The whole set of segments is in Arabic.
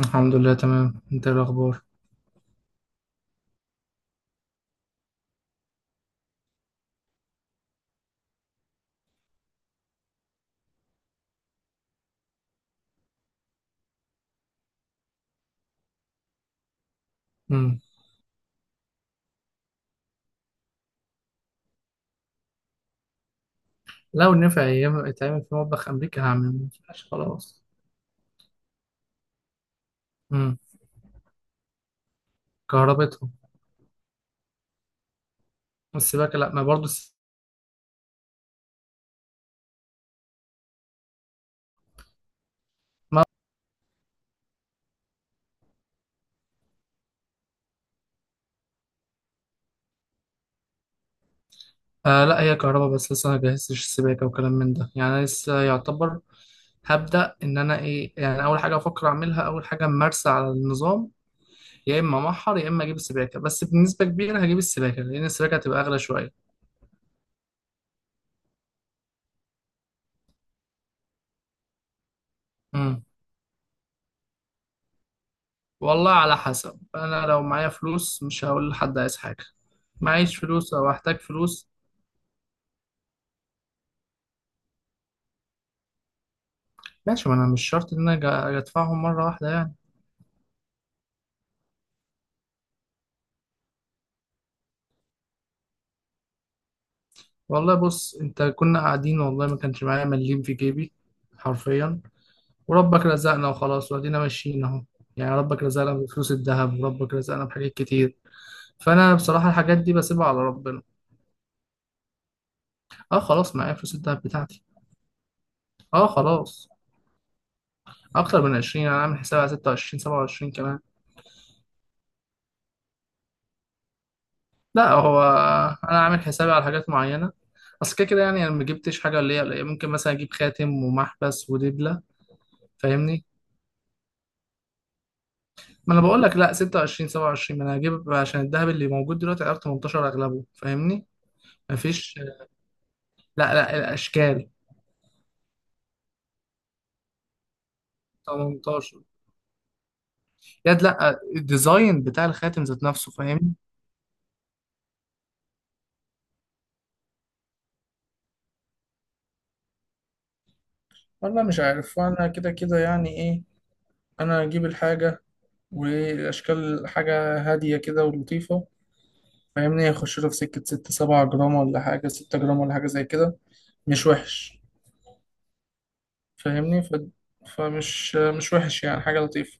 الحمد لله تمام. انت ايه الاخبار؟ امم لو نفع ايام يتعمل في مطبخ امريكا هعمل، ما ينفعش خلاص. امم كهربتهم. السباكه، لا ما برضو الس... ما... آه لا، هي كهرباء بس، لسه ما جهزتش السباكه وكلام من ده. يعني انا لسه يعتبر هبدا. ان انا ايه يعني اول حاجه افكر اعملها، اول حاجه ممارسه على النظام، يا اما محر يا اما اجيب السباكه. بس بنسبه كبيره هجيب السباكه، لان السباكه هتبقى اغلى شويه. امم والله على حسب، انا لو معايا فلوس مش هقول لحد عايز حاجه. معيش فلوس او احتاج فلوس. ماشي، ما انا مش شرط ان انا ادفعهم مره واحده يعني. والله بص، انت كنا قاعدين والله ما كانش معايا مليم في جيبي، حرفيا. وربك رزقنا وخلاص، وادينا ماشيين اهو. يعني ربك رزقنا بفلوس الذهب، وربك رزقنا بحاجات كتير. فانا بصراحه الحاجات دي بسيبها على ربنا. اه خلاص، معايا فلوس الذهب بتاعتي. اه خلاص. اكتر من 20. انا عامل حسابي على 26 27 كمان. لا هو انا عامل حسابي على حاجات معينه، اصل كده كده، يعني انا ما جبتش حاجه اللي هي ممكن مثلا اجيب خاتم ومحبس ودبله. فاهمني؟ ما انا بقول لك لا، 26 27، ما انا هجيب عشان الذهب اللي موجود دلوقتي، عارف، 18 اغلبه. فاهمني؟ مفيش. لا الاشكال. 18. يد، لا الديزاين بتاع الخاتم ذات نفسه، فاهمني؟ والله مش عارف، وانا كده كده يعني ايه، انا اجيب الحاجه والاشكال حاجه هاديه كده ولطيفه، فاهمني؟ يخش له في سكه 6 7 جرام، ولا حاجه 6 جرام، ولا حاجه زي كده، مش وحش، فاهمني فمش، مش وحش، يعني حاجه لطيفه.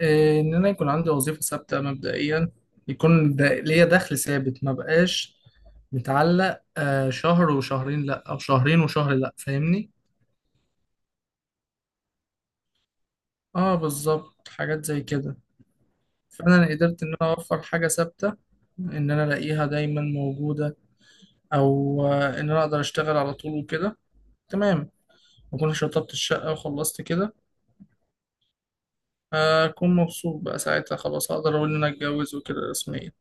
ان انا يكون عندي وظيفه ثابته مبدئيا، يكون ليا دخل ثابت، ما بقاش متعلق شهر وشهرين لا، او شهرين وشهر لا، فاهمني؟ اه بالظبط، حاجات زي كده. فانا قدرت ان انا اوفر حاجه ثابته، ان انا الاقيها دايما موجوده، او ان انا اقدر اشتغل على طول وكده، تمام. اكون شطبت الشقه وخلصت كده، اكون مبسوط. بقى ساعتها خلاص اقدر اقول ان انا اتجوز وكده رسميا.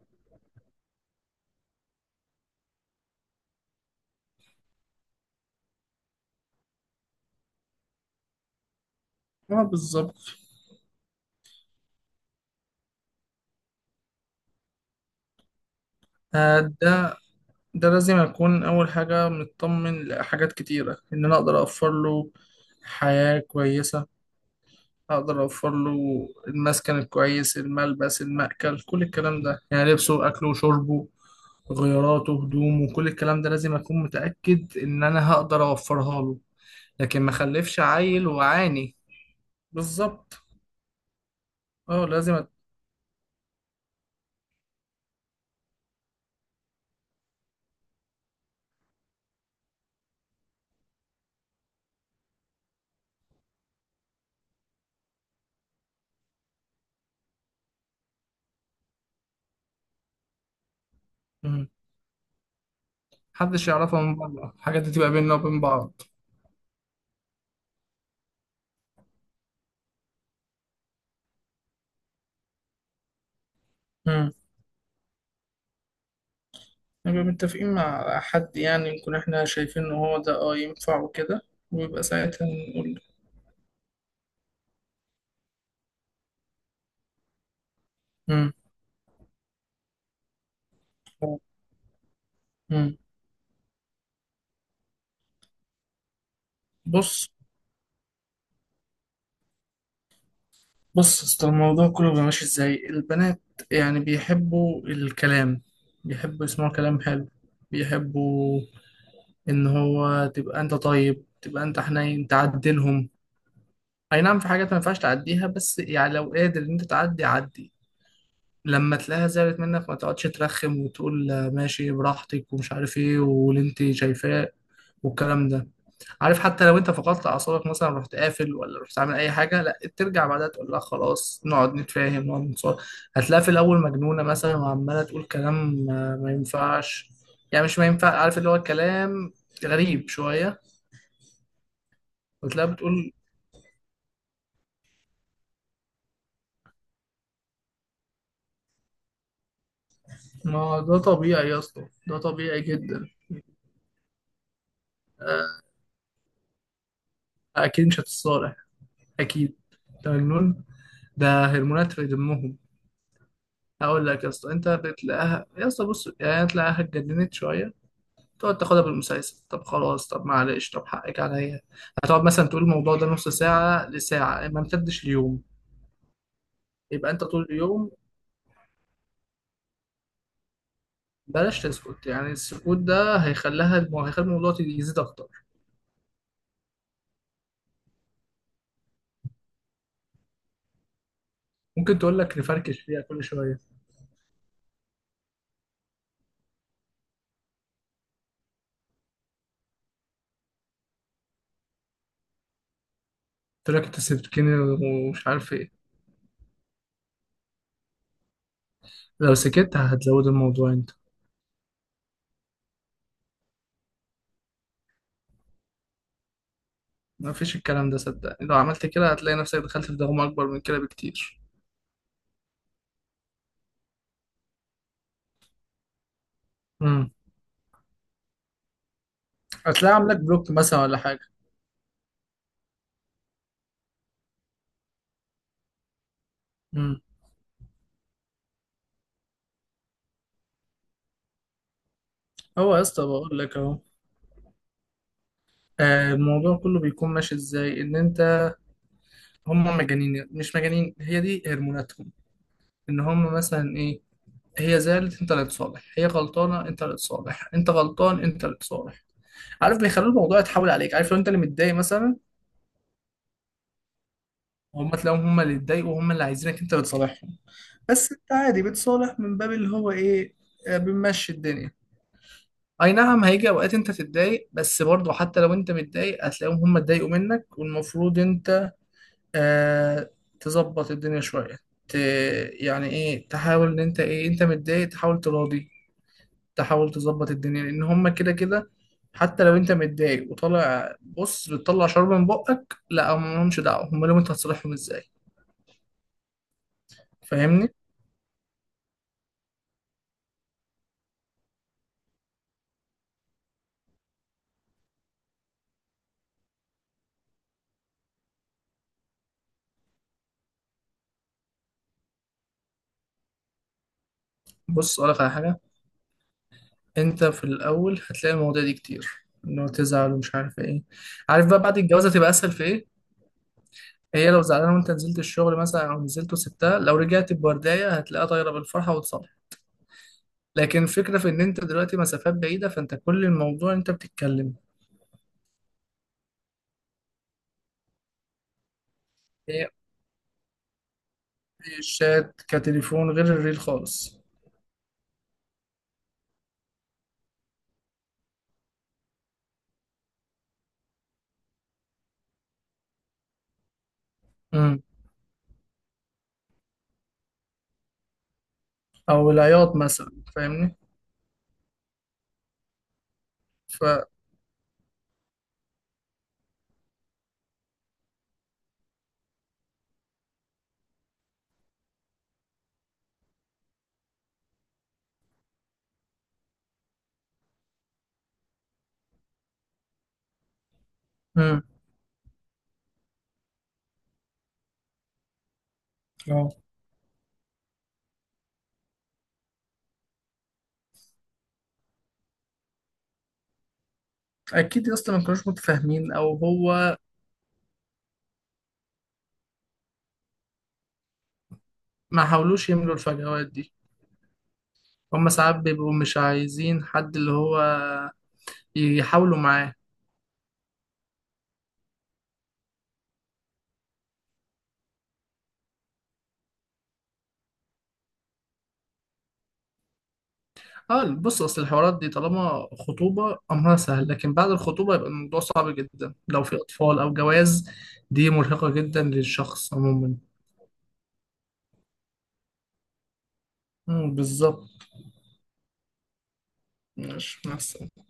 اه بالظبط. آه، ده ده لازم أكون أول حاجة مطمن لحاجات كتيرة، إن أنا أقدر أوفر له حياة كويسة، أقدر أوفر له المسكن الكويس، الملبس، المأكل، كل الكلام ده، يعني لبسه، أكله، وشربه، غياراته، هدومه، كل الكلام ده لازم أكون متأكد إن أنا هقدر أوفرها له. لكن ما أخلفش عيل وعاني. بالظبط. أه لازم مم. محدش يعرفها من بره، الحاجات دي تبقى بيننا وبين بعض. نبقى متفقين مع حد، يعني نكون احنا شايفين ان هو ده اه ينفع وكده، ويبقى ساعتها نقول. امم امم بص بص اصل الموضوع كله بيبقى ماشي ازاي. البنات يعني بيحبوا الكلام، بيحبوا يسمعوا كلام حلو، بيحبوا ان هو تبقى انت طيب، تبقى انت حنين، تعدلهم. اي نعم في حاجات ما ينفعش تعديها، بس يعني لو قادر ان انت تعدي، عدي. لما تلاقيها زعلت منك، ما تقعدش ترخم وتقول ماشي براحتك، ومش عارف ايه، واللي انت شايفاه، والكلام ده. عارف، حتى لو انت فقدت اعصابك مثلا، رحت قافل ولا رحت عامل اي حاجه، لا ترجع بعدها تقول لها خلاص نقعد نتفاهم، نقعد نتصالح. هتلاقيها في الاول مجنونه مثلا، وعماله تقول كلام ما ينفعش، يعني مش ما ينفع، عارف، اللي هو كلام غريب شويه. وتلاقيها بتقول. ما ده طبيعي يا اسطى، ده طبيعي جدا. آه، اكيد مش هتتصالح. اكيد. انت مجنون، ده هرمونات في دمهم. هقول لك يا اسطى، انت بتلاقيها يا اسطى، بص يعني تلاقيها اتجننت شويه، تقعد تاخدها بالمسلسل، طب خلاص، طب معلش، طب حقك عليا. هتقعد مثلا تقول الموضوع ده نص ساعه لساعه، ما امتدش اليوم. يبقى انت طول اليوم بلاش تسكت، يعني السكوت ده هيخليها هيخلي الموضوع يزيد اكتر. ممكن تقول لك نفركش فيها كل شويه. تقول لك انت سبتكني ومش عارف ايه. لو سكت هتزود الموضوع انت، ما فيش الكلام ده. صدقني لو عملت كده هتلاقي نفسك دخلت في دوامه اكبر من كده بكتير، هتلاقي عاملك بلوك مثلا ولا حاجة. امم. هو يا اسطى بقول لك اهو، الموضوع كله بيكون ماشي ازاي، ان انت، هم مجانين مش مجانين، هي دي هرموناتهم، ان هم مثلا ايه، هي زعلت انت اللي تصالح، هي غلطانه انت اللي تصالح، انت غلطان انت اللي تصالح. عارف، بيخلوا الموضوع يتحول عليك. عارف، لو انت اللي متضايق مثلا، تلاقيهم هم اللي اتضايقوا، وهم اللي عايزينك انت اللي تصالحهم. بس انت عادي بتصالح من باب اللي هو ايه، بنمشي الدنيا. اي نعم هيجي اوقات انت تتضايق، بس برضه حتى لو انت متضايق هتلاقيهم هم اتضايقوا منك، والمفروض انت آه تظبط الدنيا شوية. ت... يعني ايه، تحاول ان انت ايه، انت متضايق تحاول تراضي، تحاول تظبط الدنيا، لان هم كده كده. حتى لو انت متضايق وطالع بص بتطلع شرب من بقك، لا هم لهمش دعوة، هم لهم انت هتصالحهم ازاي. فاهمني؟ بص اقول لك على حاجة. انت في الاول هتلاقي المواضيع دي كتير، انه تزعل ومش عارف ايه. عارف بقى بعد الجواز هتبقى اسهل في ايه؟ هي لو زعلانه وانت نزلت الشغل مثلا، او نزلت وسبتها، لو رجعت بورديه هتلاقيها طايره بالفرحه وتصالح. لكن الفكره في ان انت دلوقتي مسافات بعيده، فانت كل الموضوع انت بتتكلم. هي الشات كتليفون، غير الريل خالص. امم. او العياط مثلا، فاهمني؟ ف امم. اه اكيد يا اسطى ما كانوش متفاهمين، او هو ما حاولوش يملوا الفجوات دي. هما ساعات بيبقوا مش عايزين حد اللي هو يحاولوا معاه. اه بص، اصل الحوارات دي طالما خطوبه امرها سهل، لكن بعد الخطوبه يبقى الموضوع صعب جدا، لو في اطفال او جواز دي مرهقه جدا للشخص عموما. مم، بالظبط. ماشي مع السلامة.